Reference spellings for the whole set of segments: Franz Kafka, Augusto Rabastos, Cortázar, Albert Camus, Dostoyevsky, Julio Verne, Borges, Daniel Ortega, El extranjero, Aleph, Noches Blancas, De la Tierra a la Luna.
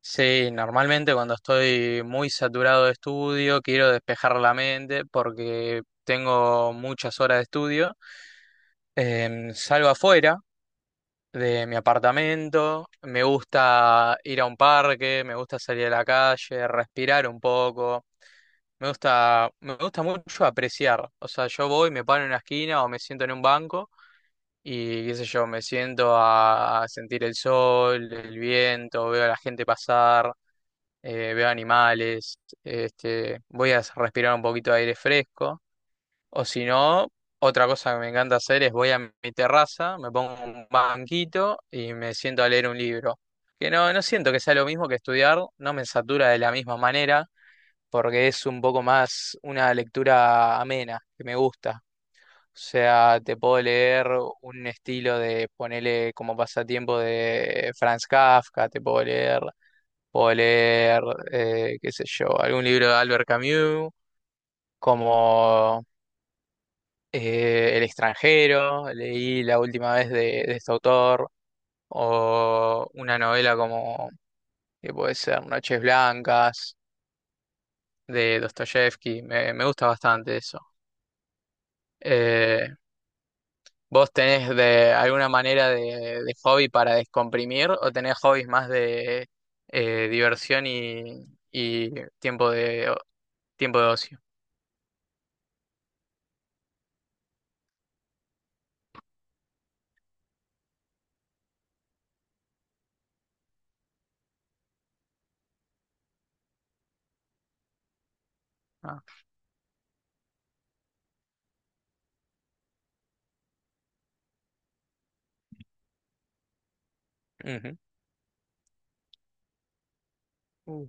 Sí, normalmente cuando estoy muy saturado de estudio, quiero despejar la mente porque tengo muchas horas de estudio. Salgo afuera de mi apartamento, me gusta ir a un parque, me gusta salir a la calle, respirar un poco. Me gusta mucho apreciar. O sea, yo voy, me paro en una esquina o me siento en un banco y qué sé yo, me siento a sentir el sol, el viento, veo a la gente pasar, veo animales, voy a respirar un poquito de aire fresco. O si no, otra cosa que me encanta hacer es voy a mi terraza, me pongo un banquito y me siento a leer un libro. Que no siento que sea lo mismo que estudiar, no me satura de la misma manera, porque es un poco más una lectura amena, que me gusta. O sea, te puedo leer un estilo de, ponele como pasatiempo de Franz Kafka, puedo leer, qué sé yo, algún libro de Albert Camus, como El extranjero, leí la última vez de, este autor, o una novela como, que puede ser Noches Blancas, de Dostoyevsky, me gusta bastante eso. Eh, ¿Vos tenés de alguna manera de hobby para descomprimir o tenés hobbies más de diversión y tiempo de o- tiempo de ocio? Ah, ujú. Uh,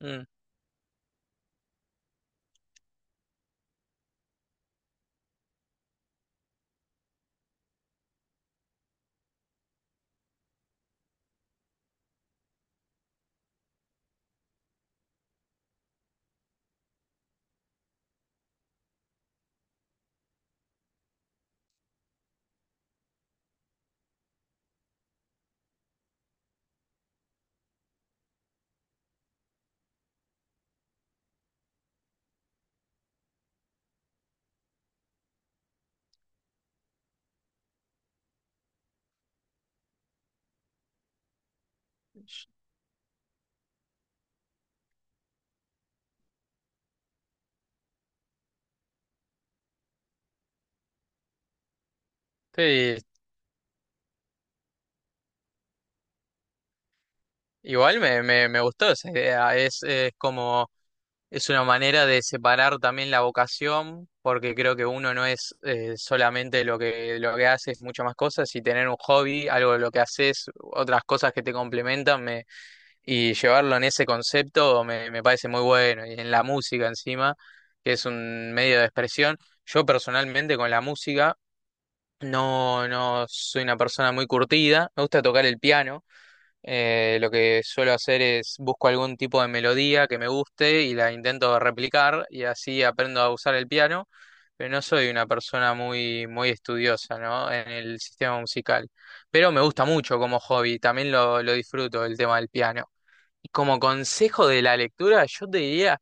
mm. Sí, igual me gustó esa idea. Es como es una manera de separar también la vocación, porque creo que uno no es solamente lo que hace, es muchas más cosas, y tener un hobby, algo de lo que haces, otras cosas que te complementan, y llevarlo en ese concepto me parece muy bueno, y en la música encima, que es un medio de expresión. Yo personalmente con la música no soy una persona muy curtida, me gusta tocar el piano, lo que suelo hacer es busco algún tipo de melodía que me guste y la intento replicar y así aprendo a usar el piano, pero no soy una persona muy, muy estudiosa, ¿no?, en el sistema musical. Pero me gusta mucho como hobby, también lo disfruto el tema del piano. Y como consejo de la lectura, yo te diría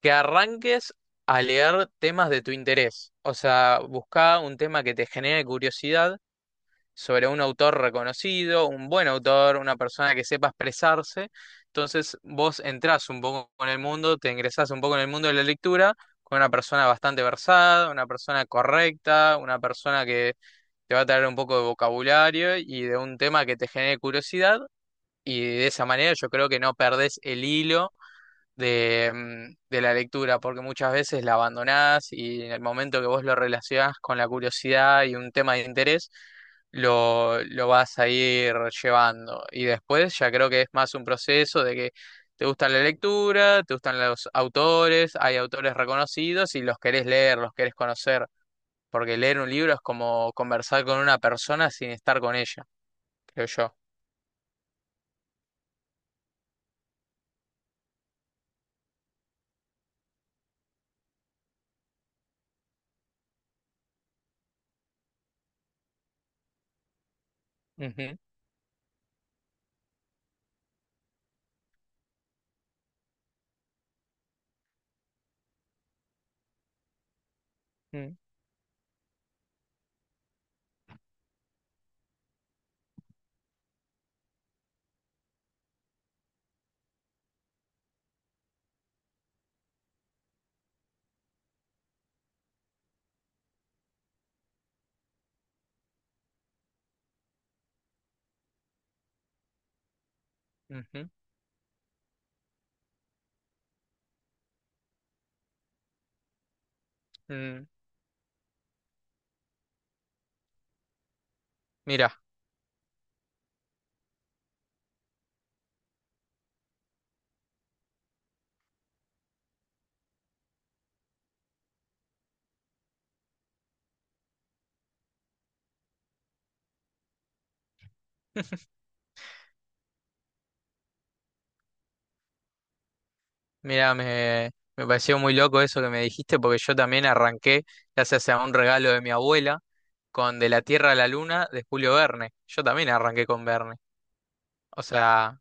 que arranques a leer temas de tu interés. O sea, busca un tema que te genere curiosidad sobre un autor reconocido, un buen autor, una persona que sepa expresarse. Entonces, vos entrás un poco en el mundo, te ingresás un poco en el mundo de la lectura con una persona bastante versada, una persona correcta, una persona que te va a traer un poco de vocabulario y de un tema que te genere curiosidad. Y de esa manera yo creo que no perdés el hilo de, de la lectura, porque muchas veces la abandonás y en el momento que vos lo relacionás con la curiosidad y un tema de interés, lo vas a ir llevando. Y después ya creo que es más un proceso de que te gusta la lectura, te gustan los autores, hay autores reconocidos y los querés leer, los querés conocer, porque leer un libro es como conversar con una persona sin estar con ella, creo yo. Ujú, mm, ujú, mm. Mira, mira, me, me pareció muy loco eso que me dijiste, porque yo también arranqué, gracias a un regalo de mi abuela, con De la Tierra a la Luna de Julio Verne. Yo también arranqué con Verne. O sea,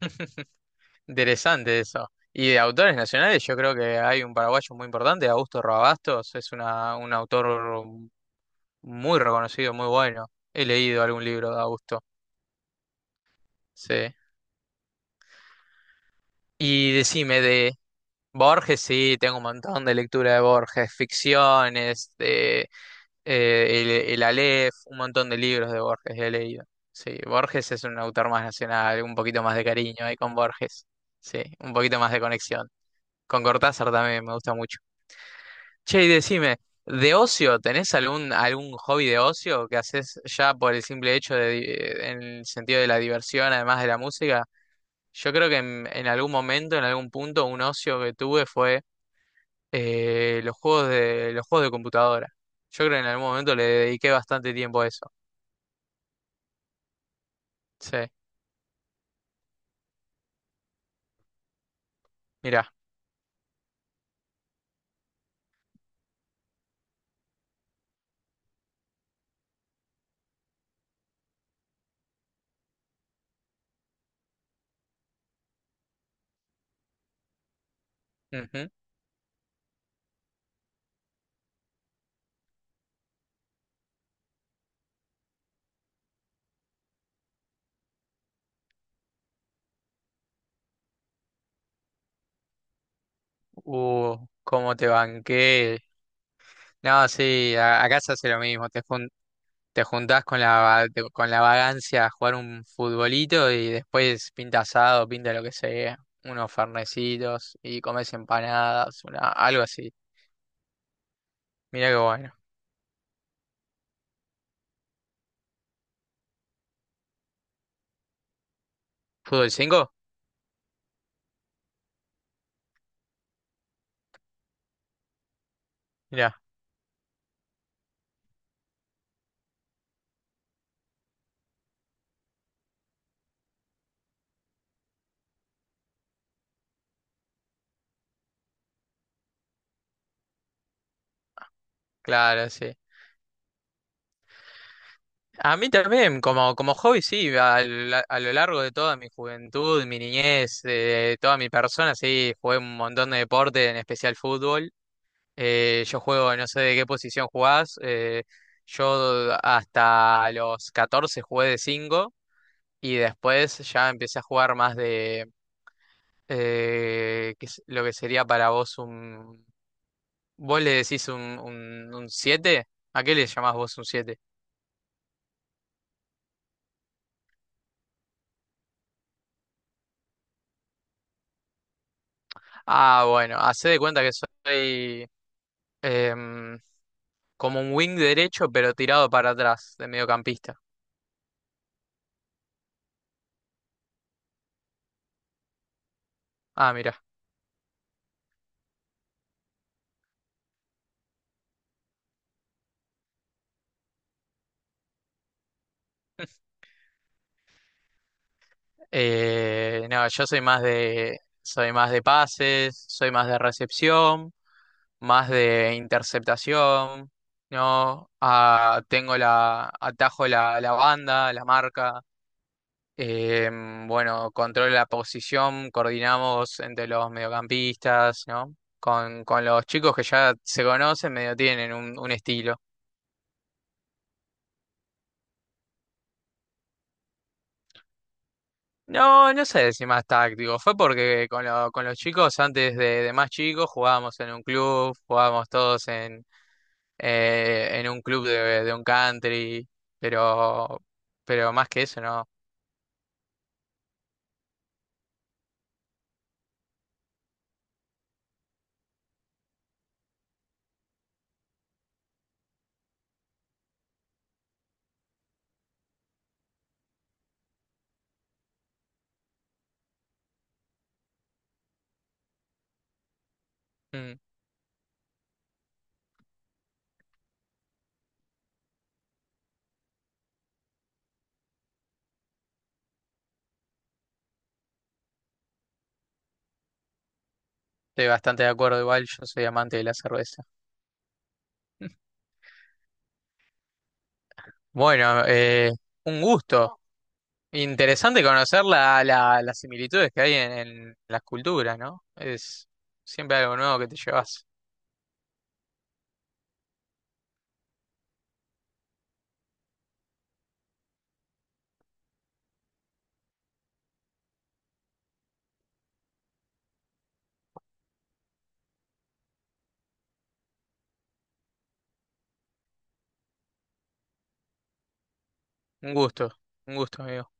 interesante eso. Y de autores nacionales, yo creo que hay un paraguayo muy importante, Augusto Rabastos, es un autor muy reconocido, muy bueno. He leído algún libro de Augusto. Sí. Y decime de Borges, sí, tengo un montón de lectura de Borges, ficciones. El, Aleph, un montón de libros de Borges he leído. Sí, Borges es un autor más nacional, un poquito más de cariño ahí con Borges. Sí, un poquito más de conexión. Con Cortázar también me gusta mucho. Che, y decime, ¿de ocio tenés algún, algún hobby de ocio que haces ya por el simple hecho de, en el sentido de la diversión, además de la música? Yo creo que en algún momento, en algún punto, un ocio que tuve fue los juegos de computadora. Yo creo que en algún momento le dediqué bastante tiempo a eso. Sí, mira, ujú. Cómo te banqué. No, sí, acá se hace lo mismo. Te juntás con con la vagancia a jugar un futbolito y después pinta asado, pinta lo que sea. Unos fernecitos y comes empanadas, algo así. Mira qué bueno. ¿Fútbol cinco? Mira, claro, sí. A mí también, como hobby, sí, a, a lo largo de toda mi juventud, mi niñez, de toda mi persona, sí, jugué un montón de deporte, en especial fútbol. Yo juego, no sé de qué posición jugás. Yo hasta los 14 jugué de 5 y después ya empecé a jugar más de qué es lo que sería para vos un... ¿Vos le decís un, un 7? ¿A qué le llamás vos un siete? Ah, bueno, hacé de cuenta que soy em, como un wing derecho pero tirado para atrás de mediocampista. Ah, mira. No, yo soy más de pases, soy más de recepción, más de interceptación, ¿no? Ah, tengo la, atajo la, banda, la marca. eh, bueno, controlo la posición, coordinamos entre los mediocampistas, ¿no? Con los chicos que ya se conocen, medio tienen un estilo. No, no sé si más táctico. Fue porque con, con los chicos, antes de, más chicos, jugábamos en un club, jugábamos todos en un club de, un country, pero, pero más que eso, no. Mm, Estoy bastante de acuerdo, igual yo soy amante de la cerveza. Bueno, un gusto. Interesante conocer la, las similitudes que hay en las culturas, ¿no? Es siempre algo nuevo que te llevas. Un gusto, un gusto, amigo.